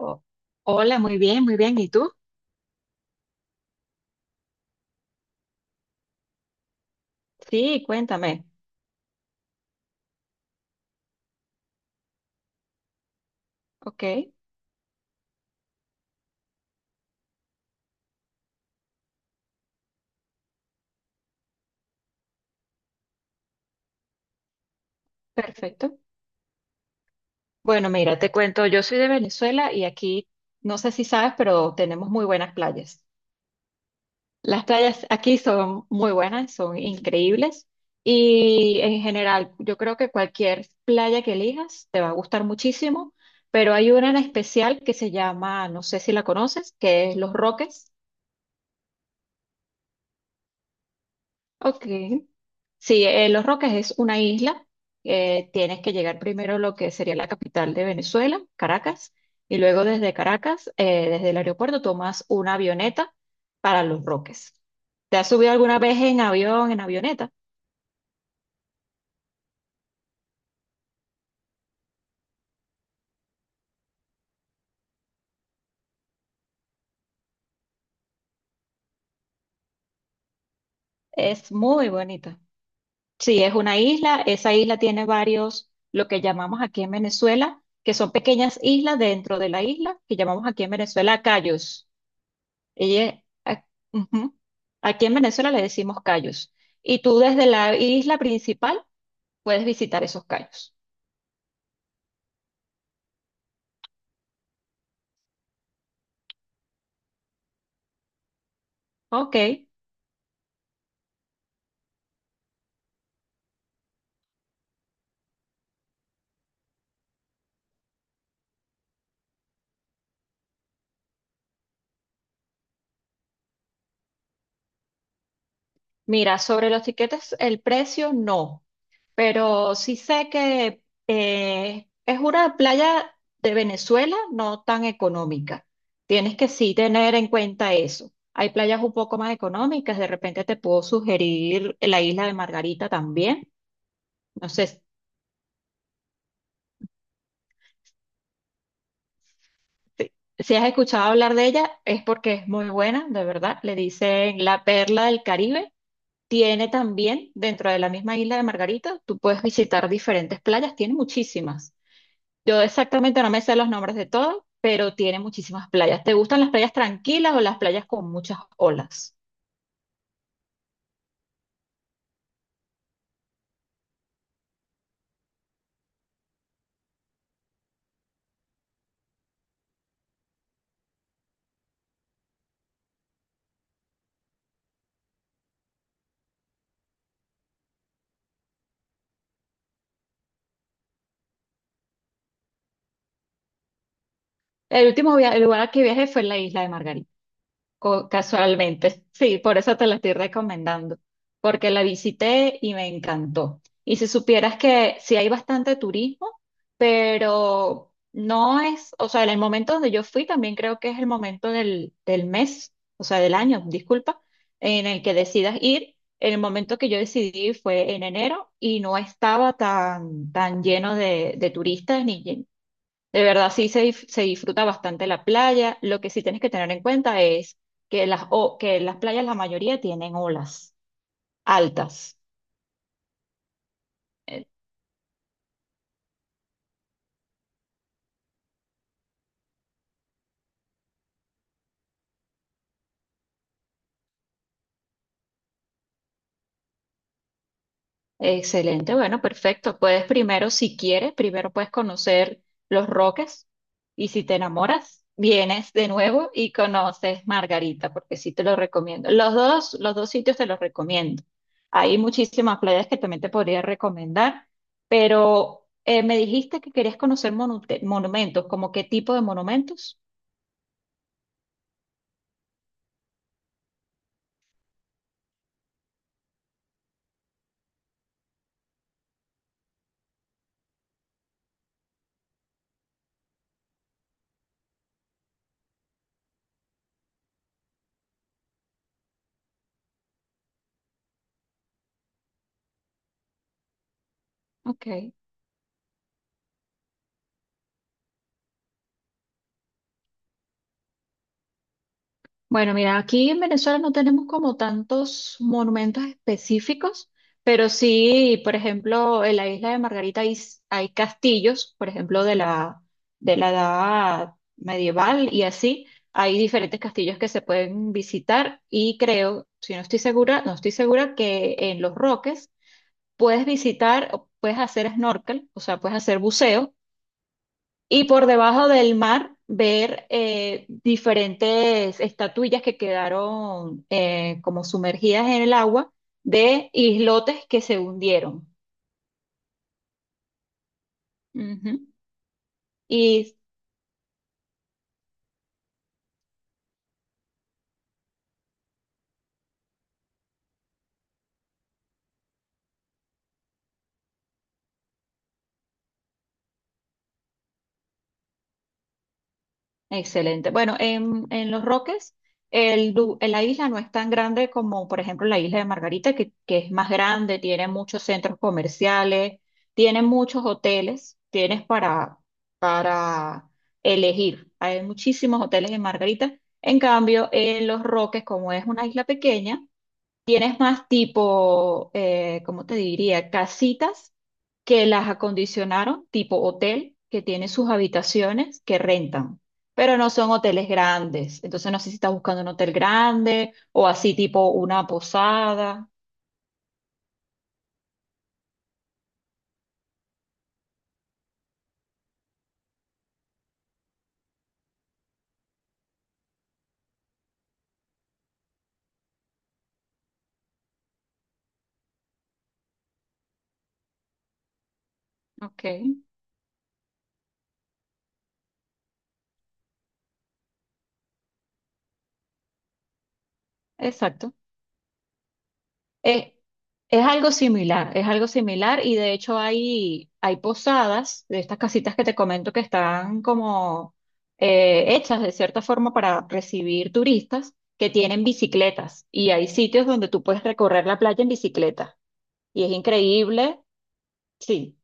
Oh, hola, muy bien, muy bien. ¿Y tú? Sí, cuéntame. Ok, perfecto. Bueno, mira, te cuento, yo soy de Venezuela y aquí, no sé si sabes, pero tenemos muy buenas playas. Las playas aquí son muy buenas, son increíbles y en general, yo creo que cualquier playa que elijas te va a gustar muchísimo, pero hay una en especial que se llama, no sé si la conoces, que es Los Roques. Ok. Sí, Los Roques es una isla. Tienes que llegar primero a lo que sería la capital de Venezuela, Caracas, y luego desde Caracas, desde el aeropuerto, tomas una avioneta para Los Roques. ¿Te has subido alguna vez en avión, en avioneta? Es muy bonita. Sí, es una isla. Esa isla tiene varios, lo que llamamos aquí en Venezuela, que son pequeñas islas dentro de la isla, que llamamos aquí en Venezuela cayos. Ella, a- ujú. Aquí en Venezuela le decimos cayos. Y tú desde la isla principal puedes visitar esos cayos. Ok. Mira, sobre los tiquetes, el precio no. Pero sí sé que es una playa de Venezuela no tan económica. Tienes que sí tener en cuenta eso. Hay playas un poco más económicas. De repente te puedo sugerir la isla de Margarita también. No sé. Sí. Si has escuchado hablar de ella, es porque es muy buena, de verdad. Le dicen la perla del Caribe. Tiene también, dentro de la misma isla de Margarita, tú puedes visitar diferentes playas, tiene muchísimas. Yo exactamente no me sé los nombres de todas, pero tiene muchísimas playas. ¿Te gustan las playas tranquilas o las playas con muchas olas? El lugar al que viajé fue la isla de Margarita. Casualmente. Sí, por eso te la estoy recomendando, porque la visité y me encantó. Y si supieras que sí hay bastante turismo, pero no es, o sea, en el momento donde yo fui también creo que es el momento del mes, o sea, del año, disculpa, en el que decidas ir. El momento que yo decidí fue en enero y no estaba tan, tan lleno de turistas ni, de verdad, se disfruta bastante la playa. Lo que sí tienes que tener en cuenta es que que las playas, la mayoría tienen olas altas. Excelente, bueno, perfecto. Puedes primero, si quieres, primero puedes conocer Los Roques y si te enamoras, vienes de nuevo y conoces Margarita, porque sí te lo recomiendo. Los dos sitios te los recomiendo. Hay muchísimas playas que también te podría recomendar, pero me dijiste que querías conocer monumentos, ¿como qué tipo de monumentos? Ok. Bueno, mira, aquí en Venezuela no tenemos como tantos monumentos específicos, pero sí, por ejemplo, en la isla de Margarita hay castillos, por ejemplo, de la edad medieval y así. Hay diferentes castillos que se pueden visitar y creo, si no estoy segura, no estoy segura que en Los Roques puedes visitar, o puedes hacer snorkel, o sea, puedes hacer buceo y por debajo del mar ver diferentes estatuillas que quedaron como sumergidas en el agua de islotes que se hundieron. Ujú. Y excelente. Bueno, en Los Roques, la isla no es tan grande como, por ejemplo, la isla de Margarita, que es más grande, tiene muchos centros comerciales, tiene muchos hoteles, tienes para elegir. Hay muchísimos hoteles en Margarita. En cambio, en Los Roques, como es una isla pequeña, tienes más tipo, ¿cómo te diría? Casitas que las acondicionaron, tipo hotel, que tiene sus habitaciones que rentan, pero no son hoteles grandes. Entonces no sé si estás buscando un hotel grande o así tipo una posada. Ok, exacto. Es, es algo similar y de hecho hay, hay posadas de estas casitas que te comento que están como hechas de cierta forma para recibir turistas que tienen bicicletas y hay sitios donde tú puedes recorrer la playa en bicicleta y es increíble, sí,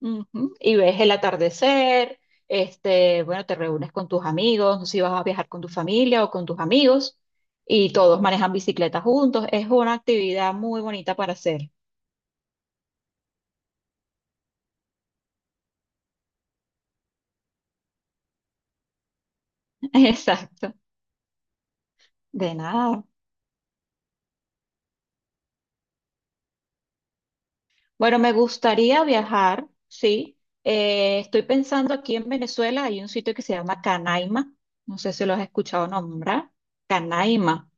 ujú. Y ves el atardecer, este, bueno, te reúnes con tus amigos, no sé si vas a viajar con tu familia o con tus amigos y todos manejan bicicletas juntos, es una actividad muy bonita para hacer. Exacto, de nada. Bueno, me gustaría viajar, sí. Estoy pensando aquí en Venezuela, hay un sitio que se llama Canaima, no sé si lo has escuchado nombrar. Canaima.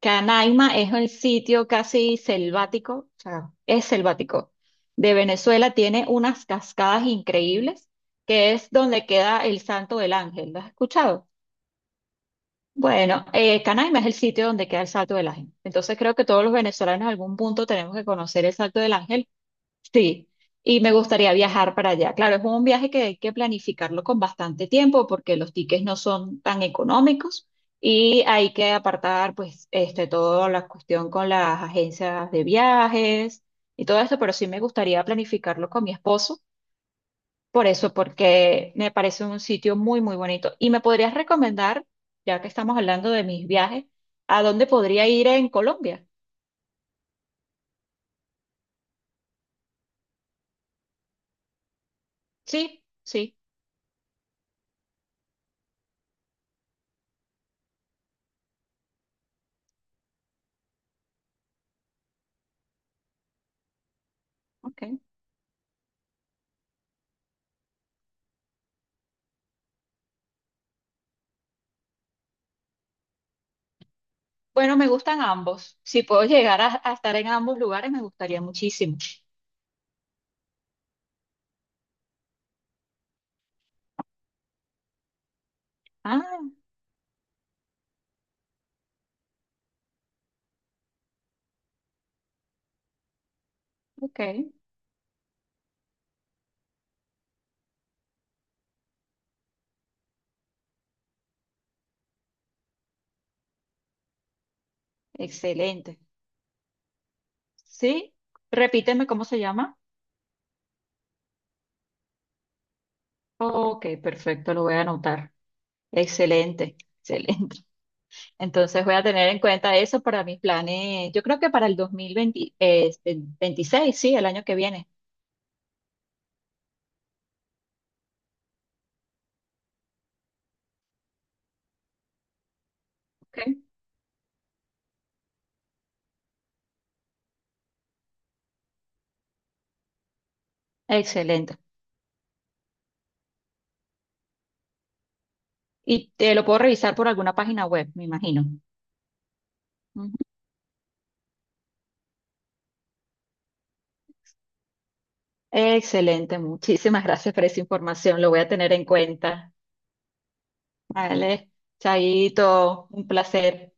Canaima es el sitio casi selvático, o sea, es selvático, de Venezuela. Tiene unas cascadas increíbles, que es donde queda el Santo del Ángel. ¿Lo has escuchado? Bueno, Canaima es el sitio donde queda el Salto del Ángel. Entonces creo que todos los venezolanos en algún punto tenemos que conocer el Salto del Ángel. Sí, y me gustaría viajar para allá. Claro, es un viaje que hay que planificarlo con bastante tiempo porque los tickets no son tan económicos y hay que apartar pues este, toda la cuestión con las agencias de viajes y todo esto, pero sí me gustaría planificarlo con mi esposo por eso, porque me parece un sitio muy, muy bonito. ¿Y me podrías recomendar, ya que estamos hablando de mis viajes, a dónde podría ir en Colombia? Sí, sí, ok. Bueno, me gustan ambos. Si puedo llegar a estar en ambos lugares, me gustaría muchísimo. Ah, ok, excelente. Sí, repíteme cómo se llama. Ok, perfecto, lo voy a anotar. Excelente, excelente. Entonces voy a tener en cuenta eso para mis planes. Yo creo que para el 2020, 26, sí, el año que viene. Ok. Excelente. Y te lo puedo revisar por alguna página web, me imagino. Ujú. Excelente, muchísimas gracias por esa información. Lo voy a tener en cuenta. Vale, chaito, un placer.